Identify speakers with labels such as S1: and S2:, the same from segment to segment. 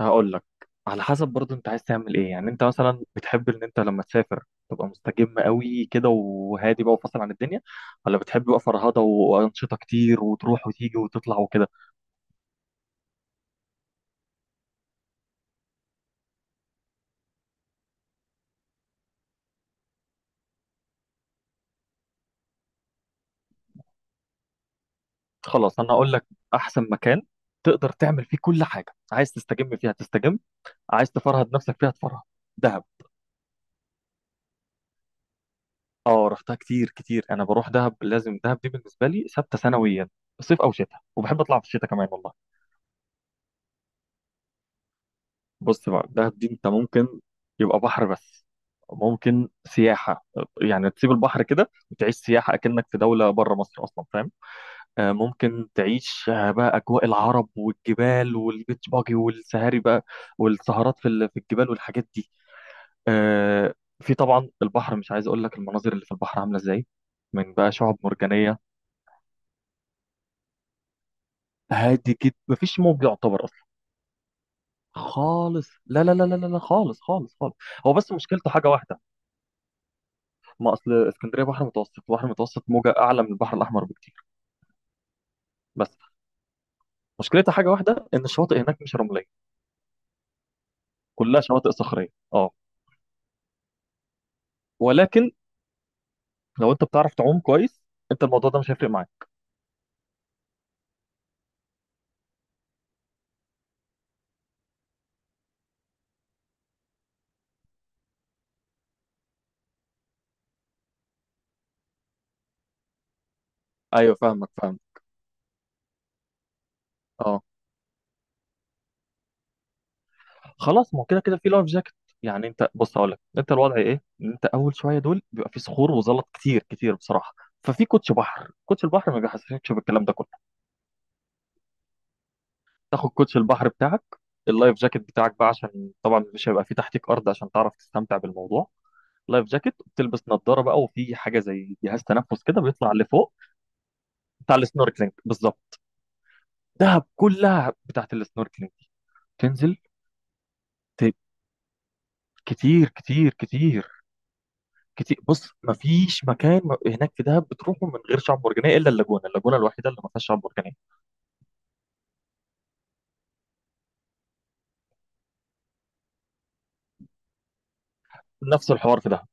S1: هقول لك على حسب برضه انت عايز تعمل ايه؟ يعني انت مثلا بتحب ان انت لما تسافر تبقى مستجم قوي كده وهادي بقى وفاصل عن الدنيا، ولا بتحب بقى فرهضه وانشطه كتير وتروح وتيجي وتطلع وكده؟ خلاص انا هقول لك احسن مكان تقدر تعمل فيه كل حاجه، عايز تستجم فيها تستجم، عايز تفرهد نفسك فيها تفرهد. دهب. اه رحتها كتير كتير، انا بروح دهب، لازم دهب دي بالنسبه لي ثابته سنويا، صيف او شتاء، وبحب اطلع في الشتاء كمان والله. بص بقى دهب دي انت ممكن يبقى بحر بس، ممكن سياحة، يعني تسيب البحر كده وتعيش سياحة أكنك في دولة بره مصر أصلا، فاهم؟ ممكن تعيش بقى أجواء العرب والجبال والبيتش باجي والسهاري بقى، والسهرات في الجبال والحاجات دي. آه، في طبعا البحر، مش عايز أقول لك المناظر اللي في البحر عاملة إزاي، من بقى شعاب مرجانية. هادي جدا، مفيش موج يعتبر أصلا. خالص، لا، خالص خالص خالص. هو بس مشكلته حاجة واحدة. ما اصل اسكندريه بحر متوسط، البحر المتوسط موجه اعلى من البحر الاحمر بكتير. بس مشكلتها حاجه واحده، ان الشواطئ هناك مش رمليه، كلها شواطئ صخريه. اه. ولكن لو انت بتعرف تعوم كويس، انت الموضوع ده مش هيفرق معاك. ايوه فاهمك، فاهم. اه خلاص، ما هو كده كده في لايف جاكيت. يعني انت بص هقول لك انت الوضع ايه، ان انت اول شويه دول بيبقى في صخور وزلط كتير كتير بصراحه، ففي كوتش بحر، كوتش البحر ما بيحسسكش بالكلام ده كله. تاخد كوتش البحر بتاعك، اللايف جاكيت بتاعك بقى، عشان طبعا مش هيبقى في تحتيك ارض عشان تعرف تستمتع بالموضوع. لايف جاكيت، بتلبس نظاره بقى، وفي حاجه زي جهاز تنفس كده بيطلع لفوق. بتاع السنوركلينج بالظبط. دهب كلها بتاعت السنوركلينج دي. تنزل. ت- كتير كتير كتير كتير. بص ما فيش مكان م- هناك في دهب بتروحه من غير شعاب مرجانيه، الا اللاجونه، اللاجونه الوحيده اللي ما فيهاش شعاب مرجانيه. نفس الحوار في دهب.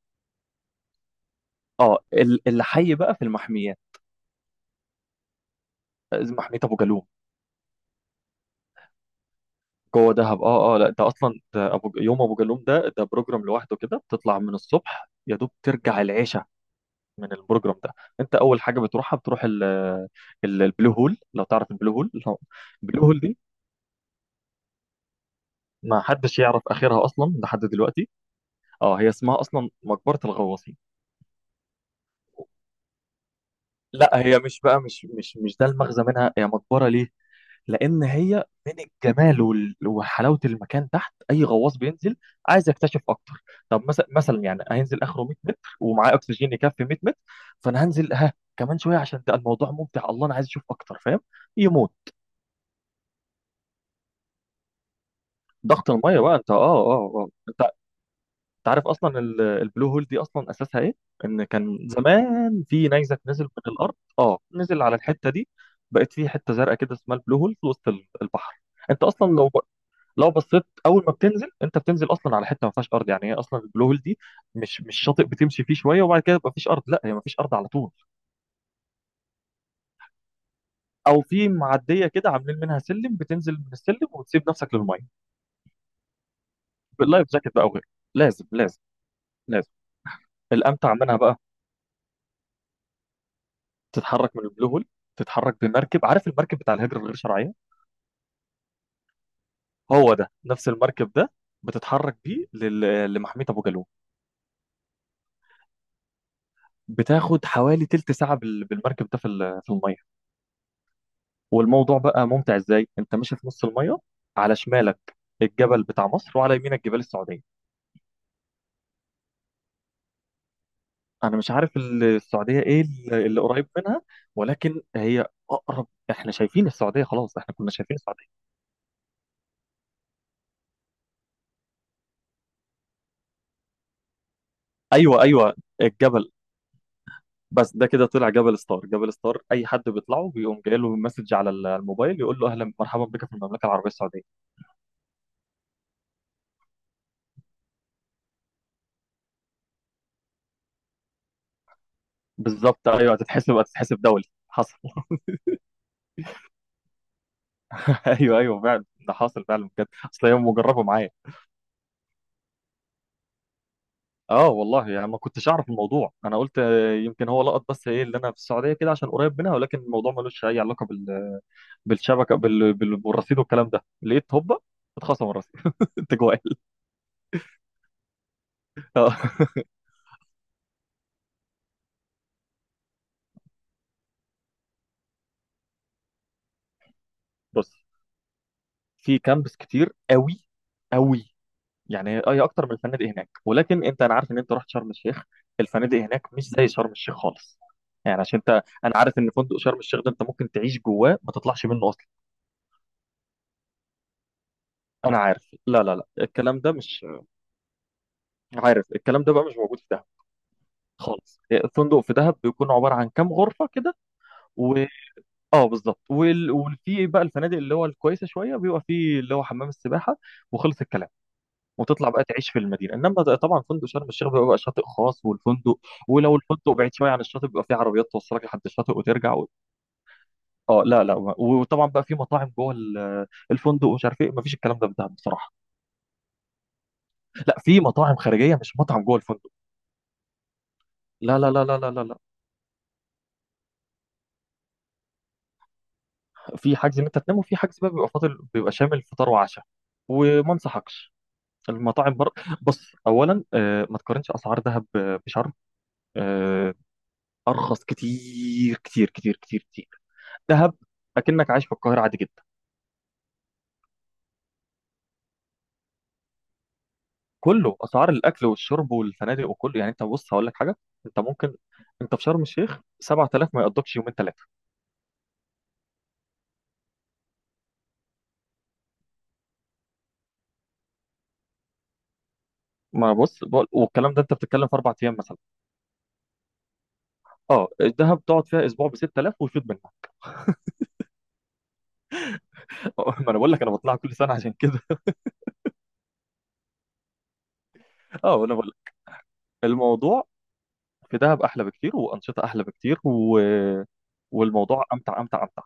S1: اه اللي حي بقى في المحميات. محميه ابو جالوم. جوه دهب اه اه، لا ده اصلا ده ابو يوم ابو جالوم ده بروجرام لوحده كده، بتطلع من الصبح يا دوب ترجع العشاء. من البروجرام ده، انت اول حاجه بتروحها بتروح البلو هول، لو تعرف البلو هول البلو هول دي ما حدش يعرف اخرها اصلا لحد دلوقتي. اه هي اسمها اصلا مقبره الغواصين. لا هي مش بقى مش مش مش ده المغزى منها، هي مقبره ليه؟ لان هي من الجمال وحلاوه المكان تحت، اي غواص بينزل عايز يكتشف اكتر. طب مثلا يعني هينزل اخره 100 متر ومعاه اكسجين يكفي 100 متر، فانا هنزل ها كمان شويه عشان ده الموضوع ممتع، الله انا عايز اشوف اكتر، فاهم. يموت. ضغط الميه بقى انت، اه اه اه. انت، انت عارف اصلا البلو هول دي اصلا اساسها ايه؟ ان كان زمان في نيزك نزل من الارض. اه نزل على الحته دي، بقت في حته زرقاء كده اسمها البلو هول في وسط البحر. انت اصلا لو بصيت اول ما بتنزل، انت بتنزل اصلا على حته ما فيهاش ارض، يعني هي اصلا البلو هول دي مش مش شاطئ بتمشي فيه شويه وبعد كده يبقى فيش ارض، لا هي ما فيش ارض على طول. او في معديه كده عاملين منها سلم، بتنزل من السلم وتسيب نفسك للميه، باللايف جاكيت بقى وغيره. لازم لازم لازم. الامتع منها بقى تتحرك من البلو هول، تتحرك بمركب، عارف المركب بتاع الهجرة الغير شرعية؟ هو ده نفس المركب ده، بتتحرك بيه لمحمية أبو جالوم. بتاخد حوالي تلت ساعة بالمركب ده في في المية، والموضوع بقى ممتع إزاي، أنت ماشي في نص المية، على شمالك الجبل بتاع مصر وعلى يمينك جبال السعودية. أنا مش عارف السعودية إيه اللي قريب منها، ولكن هي أقرب، إحنا شايفين السعودية، خلاص إحنا كنا شايفين السعودية. أيوه أيوه. الجبل، بس ده كده طلع جبل ستار، جبل ستار اي حد بيطلعه بيقوم جاي له مسج على الموبايل يقول له اهلا، مرحبا بك في المملكه العربيه السعوديه. بالظبط ايوه، هتتحسب، هتتحسب دولي، حصل ايوه ايوه فعلا، ده حاصل فعلا بجد، اصل هي مجربه معايا. اه والله، يعني ما كنتش اعرف الموضوع، انا قلت يمكن هو لقط، بس ايه اللي انا في السعوديه كده عشان قريب منها، ولكن الموضوع ملوش اي علاقه بال بالشبكه بالرصيد والكلام ده، لقيت هوبا اتخصم الرصيد انت جوال. آه. بص في كامبس كتير قوي قوي، يعني اي اكتر من الفنادق هناك، ولكن انت، انا عارف ان انت رحت شرم الشيخ، الفنادق هناك مش زي شرم الشيخ خالص. يعني عشان انت، انا عارف ان فندق شرم الشيخ ده انت ممكن تعيش جواه ما تطلعش منه اصلا. انا عارف، لا لا لا الكلام ده مش، عارف الكلام ده بقى مش موجود في دهب خالص. الفندق في دهب بيكون عباره عن كام غرفه كده، و اه بالظبط. وفي بقى الفنادق اللي هو الكويسه شويه بيبقى فيه اللي هو حمام السباحه، وخلص الكلام. وتطلع بقى تعيش في المدينه، انما ده طبعا فندق شرم الشيخ بيبقى بقى شاطئ خاص والفندق، ولو الفندق بعيد شويه عن الشاطئ بيبقى فيه عربيات توصلك لحد الشاطئ وترجع اه لا لا، وطبعا بقى في مطاعم جوه الفندق ومش عارف ايه، مفيش الكلام ده في دهب بصراحه. لا في مطاعم خارجيه، مش مطعم جوه الفندق. لا. في حجز ان انت تنام، وفي حجز بقى بيبقى فاضل بيبقى شامل فطار وعشاء، وما انصحكش المطاعم بص اولا ما تقارنش اسعار دهب بشرم. آه، ارخص كتير كتير كتير كتير كتير. دهب اكنك عايش في القاهره عادي جدا. كله اسعار الاكل والشرب والفنادق وكله، يعني انت بص هقول لك حاجه، انت ممكن، انت في شرم الشيخ 7000 ما يقضكش يومين ثلاثه. ما بص بقول، والكلام ده انت بتتكلم في اربع ايام مثلا. اه الدهب تقعد فيها اسبوع ب 6000 ويفيد منها ما انا بقول لك انا بطلع كل سنه عشان كده اه انا بقول لك الموضوع في دهب احلى بكتير، وانشطه احلى بكتير والموضوع امتع امتع امتع.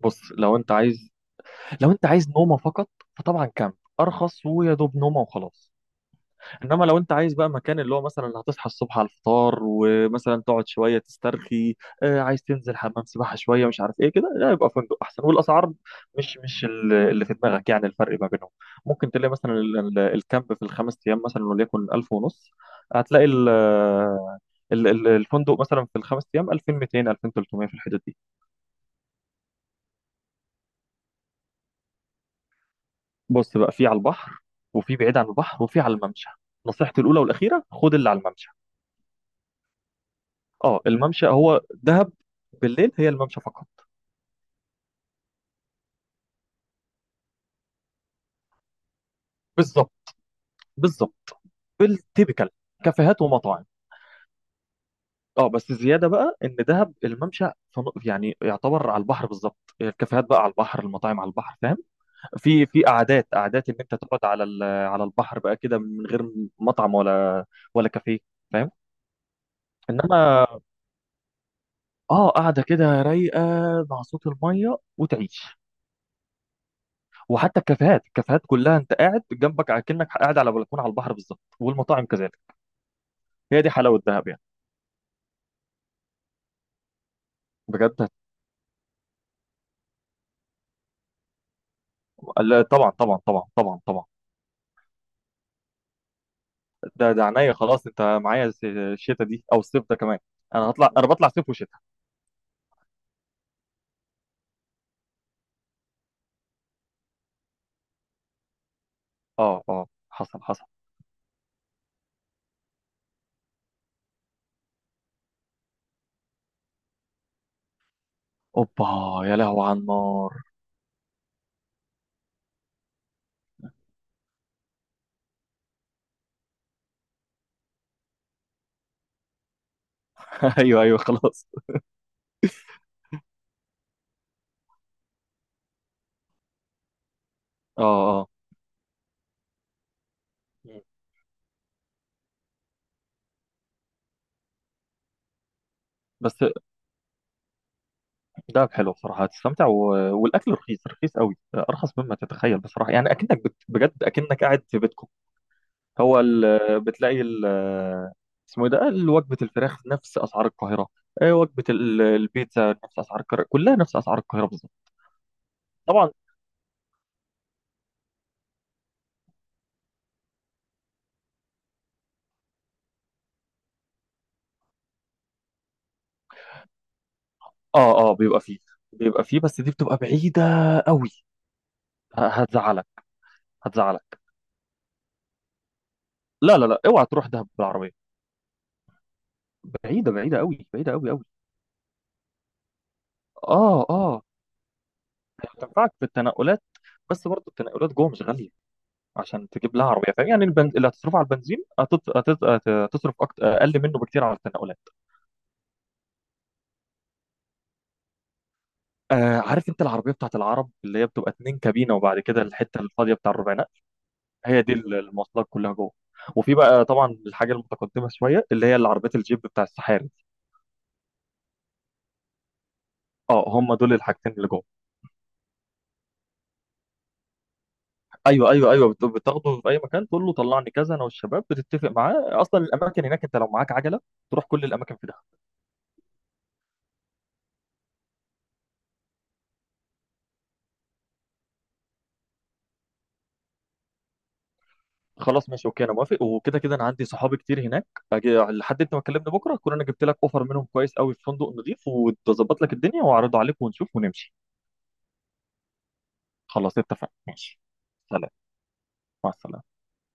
S1: بص لو انت عايز، لو انت عايز نومه فقط، فطبعا كامب، ارخص ويا دوب نومه وخلاص. انما لو انت عايز بقى مكان اللي هو مثلا هتصحى الصبح على الفطار، ومثلا تقعد شويه تسترخي، آه عايز تنزل حمام سباحه شويه، مش عارف ايه كده، لا يبقى فندق احسن. والاسعار مش اللي في دماغك، يعني الفرق ما بينهم، ممكن تلاقي مثلا الكامب في الخمس ايام مثلا وليكن 1000 ونص، هتلاقي ال الفندق مثلا في الخمس ايام 2200، 2300 في الحدود دي. بص بقى في على البحر، وفي بعيد عن البحر، وفي على الممشى. نصيحتي الاولى والاخيره خد اللي على الممشى. اه الممشى هو دهب بالليل، هي الممشى فقط. بالظبط. بالظبط. بالتيبيكال. كافيهات ومطاعم. اه بس زياده بقى ان دهب الممشى يعني يعتبر على البحر بالظبط، الكافيهات بقى على البحر، المطاعم على البحر، فاهم؟ في في قعدات، قعدات ان انت تقعد على على البحر بقى كده، من غير مطعم ولا ولا كافيه، فاهم؟ انما اه قاعده كده رايقه، مع صوت الميه، وتعيش. وحتى الكافيهات، الكافيهات كلها انت قاعد جنبك على، كأنك قاعد على بلكونه على البحر بالظبط، والمطاعم كذلك. هي دي حلاوة دهب يعني. بجد. لا، طبعا طبعا طبعا طبعا طبعا. ده ده عينيا، خلاص انت معايا الشتا دي او الصيف ده كمان، انا هطلع، انا بطلع صيف وشتاء. اه اه حصل حصل. اوبا، يا لهو على النار ايوه ايوه خلاص. اه اه. مم. بس دهب حلو بصراحة، هتستمتع والاكل رخيص رخيص قوي، ارخص مما تتخيل بصراحة، يعني اكنك بجد اكنك قاعد في بيتكم. هو بتلاقي اسمه ايه ده، وجبه الفراخ نفس اسعار القاهره، وجبه البيتزا نفس اسعار القاهره، كلها نفس اسعار القاهره بالظبط. طبعا. اه اه بيبقى فيه، بيبقى فيه، بس دي بتبقى بعيده قوي. هتزعلك. هتزعلك، لا لا لا اوعى تروح دهب بالعربيه، بعيده بعيده قوي، بعيده قوي قوي. اه اه هتنفعك في التنقلات، بس برضه التنقلات جوه مش غاليه عشان تجيب لها عربيه، فاهم يعني، اللي هتصرفه على البنزين هتصرف اقل منه بكتير على التنقلات. آه عارف انت العربيه بتاعت العرب، اللي هي بتبقى اتنين كابينه وبعد كده الحته الفاضيه، بتاع الربعينات، هي دي المواصلات كلها جوه، وفي بقى طبعا الحاجه المتقدمه شويه اللي هي العربيات الجيب بتاع السحاري. اه هم دول الحاجتين اللي جوه. ايوه بتاخده في اي مكان، تقول له طلعني كذا، انا والشباب بتتفق معاه. اصلا الاماكن هناك انت لو معاك عجله، تروح كل الاماكن في دهب. خلاص ماشي اوكي انا موافق، وكده كده انا عندي صحابي كتير هناك، أجي لحد انت ما تكلمني بكره اكون انا جبت لك اوفر منهم كويس قوي في فندق نظيف، وتظبط لك الدنيا واعرضه عليك ونشوف ونمشي. خلاص اتفقنا ماشي. سلام، مع السلامة.